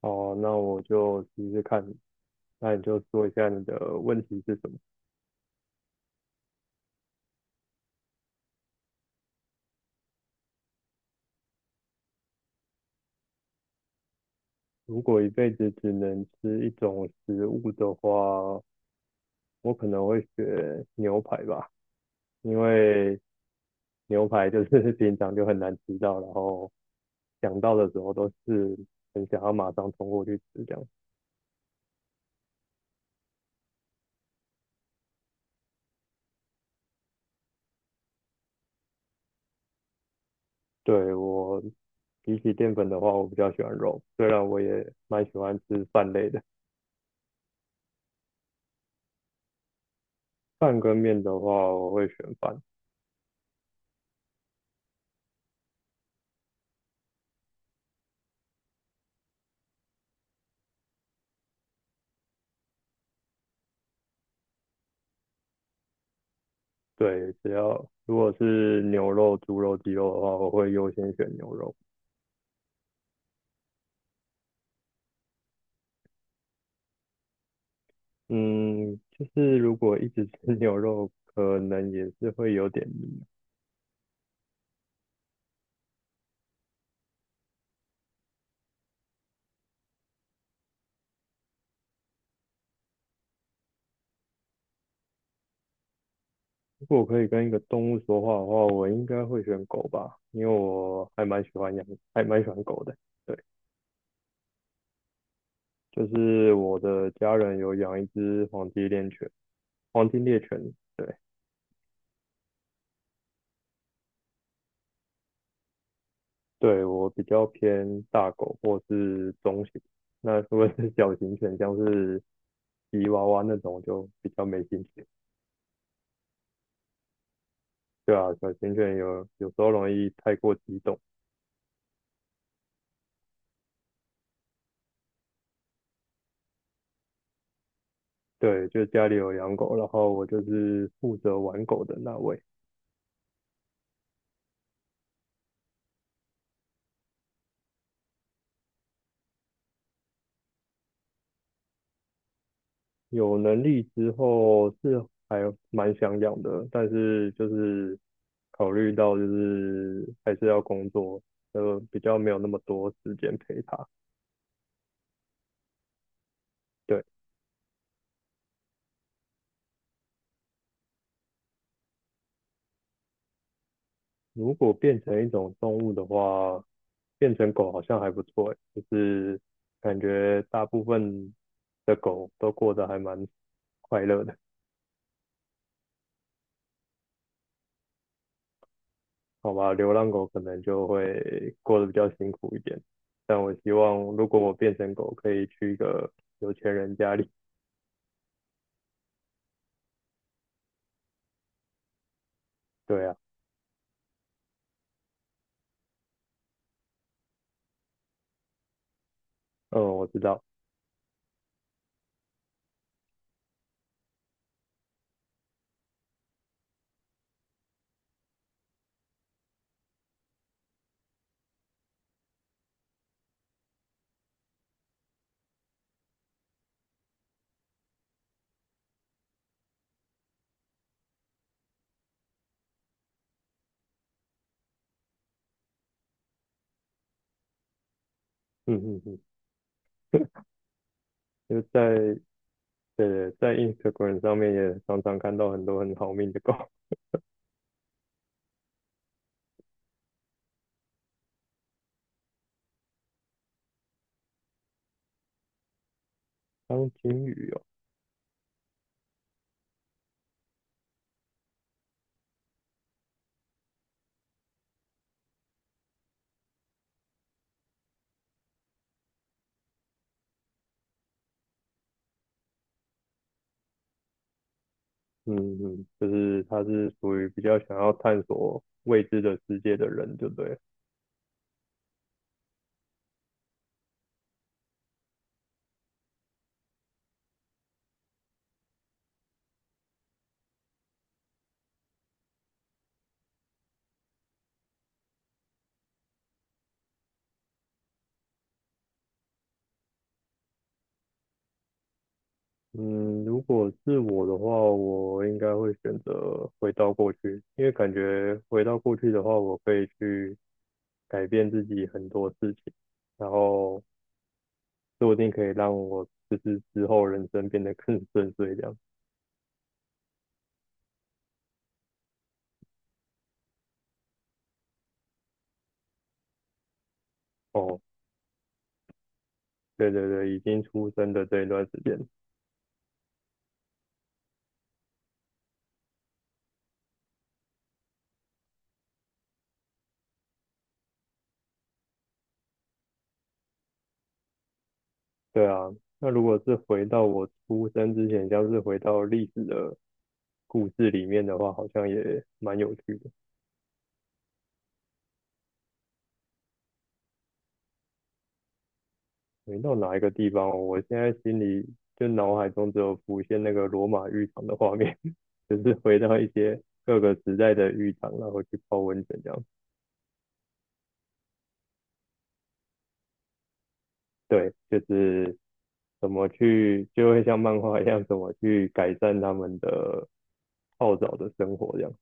哦，那我就试试看。那你就说一下你的问题是什么？如果一辈子只能吃一种食物的话，我可能会选牛排吧，因为牛排就是 平常就很难吃到，然后想到的时候都是很想要马上冲过去吃这样。对，我比起淀粉的话，我比较喜欢肉，虽然我也蛮喜欢吃饭类的。饭跟面的话，我会选饭。对，只要如果是牛肉、猪肉、鸡肉的话，我会优先选牛肉。嗯，就是如果一直吃 牛肉，可能也是会有点腻。如果我可以跟一个动物说话的话，我应该会选狗吧，因为我还蛮喜欢养，还蛮喜欢狗的。对，就是我的家人有养一只黄金猎犬，黄金猎犬。对，对，我比较偏大狗或是中型，那如果是小型犬，像是吉娃娃那种就比较没兴趣。对啊，小型犬有时候容易太过激动。对，就家里有养狗，然后我就是负责玩狗的那位。有能力之后是还蛮想养的，但是就是考虑到就是还是要工作，比较没有那么多时间陪它。对。如果变成一种动物的话，变成狗好像还不错欸就是感觉大部分的狗都过得还蛮快乐的，好吧？流浪狗可能就会过得比较辛苦一点，但我希望如果我变成狗，可以去一个有钱人家里。对啊，嗯，我知道，嗯嗯嗯，就在 Instagram 上面也常常看到很多很好命的狗，当金鱼哦。嗯嗯，就是他是属于比较想要探索未知的世界的人，对不对了嗯，如果是我的话，我应该会选择回到过去，因为感觉回到过去的话，我可以去改变自己很多事情，然后说不定可以让我就是之后人生变得更顺遂这样。哦，对，已经出生的这一段时间，对啊。那如果是回到我出生之前，像是回到历史的故事里面的话，好像也蛮有趣的。没到哪一个地方哦我现在心里就脑海中只有浮现那个罗马浴场的画面，就是回到一些各个时代的浴场，然后去泡温泉这样。对，就是怎么去，就会像漫画一样，怎么去改善他们的泡澡的生活这样。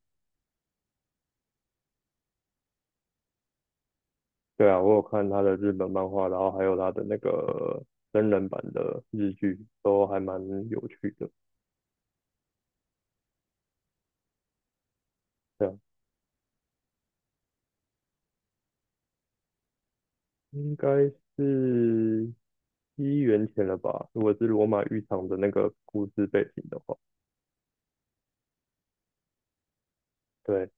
对啊，我有看他的日本漫画，然后还有他的那个真人版的日剧，都还蛮有趣的。这样应该是七元钱了吧？如果是罗马浴场的那个故事背景的话，对，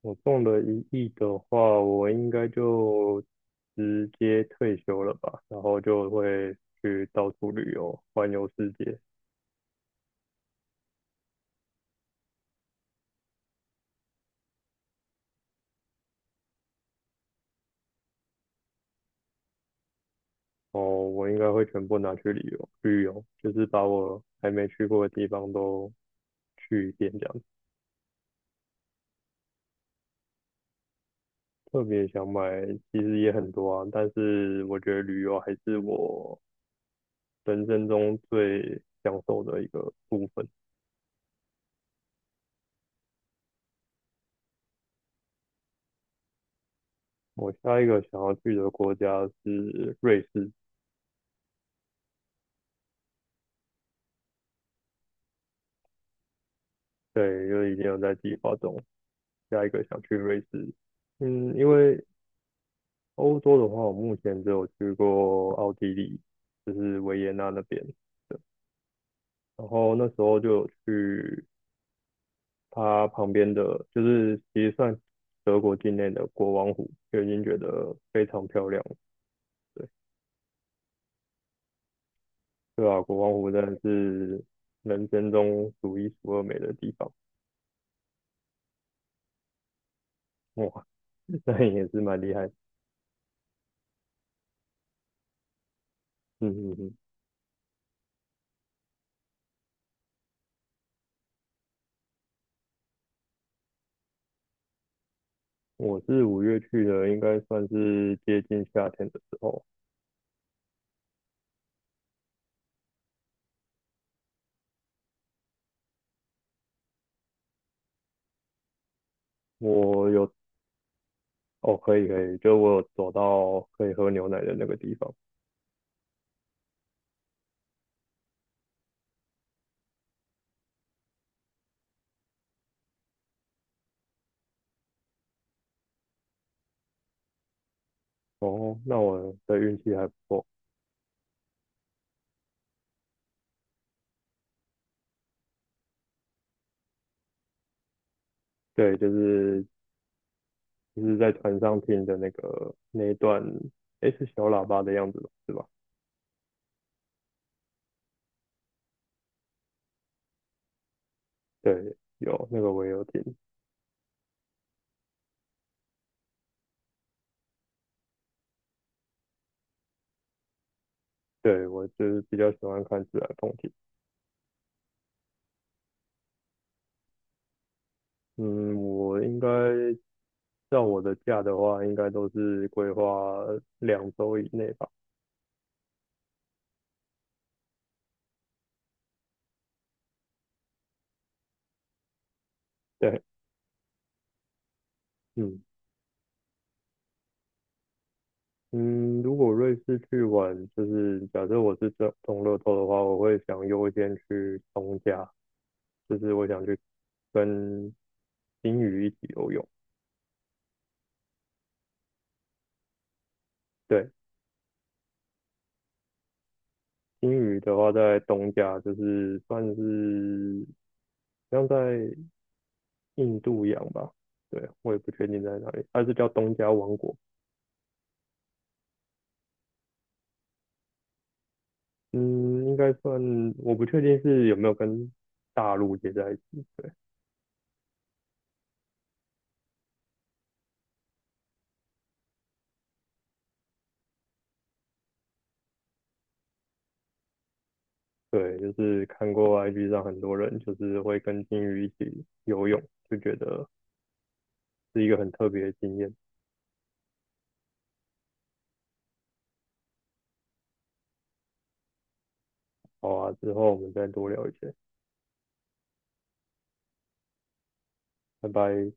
我中了1亿的话，我应该就直接退休了吧，然后就会去到处旅游，环游世界。哦，我应该会全部拿去旅游，旅游就是把我还没去过的地方都去一遍这样子特别想买，其实也很多啊，但是我觉得旅游还是我人生中最享受的一个部分。我下一个想要去的国家是瑞士，对，因为已经有在计划中，下一个想去瑞士。嗯，因为欧洲的话，我目前只有去过奥地利，就是维也纳那边。对，然后那时候就有去它旁边的，就是其实算德国境内的国王湖，就已经觉得非常漂亮了对，对啊，国王湖真的是人生中数一数二美的地方，哇，那也是蛮厉害的嗯嗯嗯。我是五月去的，应该算是接近夏天的时候。我有，哦，可以可以，就我有走到可以喝牛奶的那个地方。哦，那我的运气还不错。对，就是在船上听的那个那一段，诶，是小喇叭的样子吧？是吧？对，有那个我也有听。对，我就是比较喜欢看自然风景。嗯，我应该照我的假的话，应该都是规划2周以内吧。对，嗯。嗯，如果瑞士去玩，就是假设我是中乐透的话，我会想优先去东加，就是我想去跟金鱼一起游泳。对，金鱼的话在东加，就是算是像在印度洋吧。对，我也不确定在哪里，它是叫东加王国。嗯，应该算，我不确定是有没有跟大陆接在一起。对，就是看过 IG 上很多人就是会跟金鱼一起游泳，就觉得是一个很特别的经验。好啊，之后我们再多聊一些，拜拜。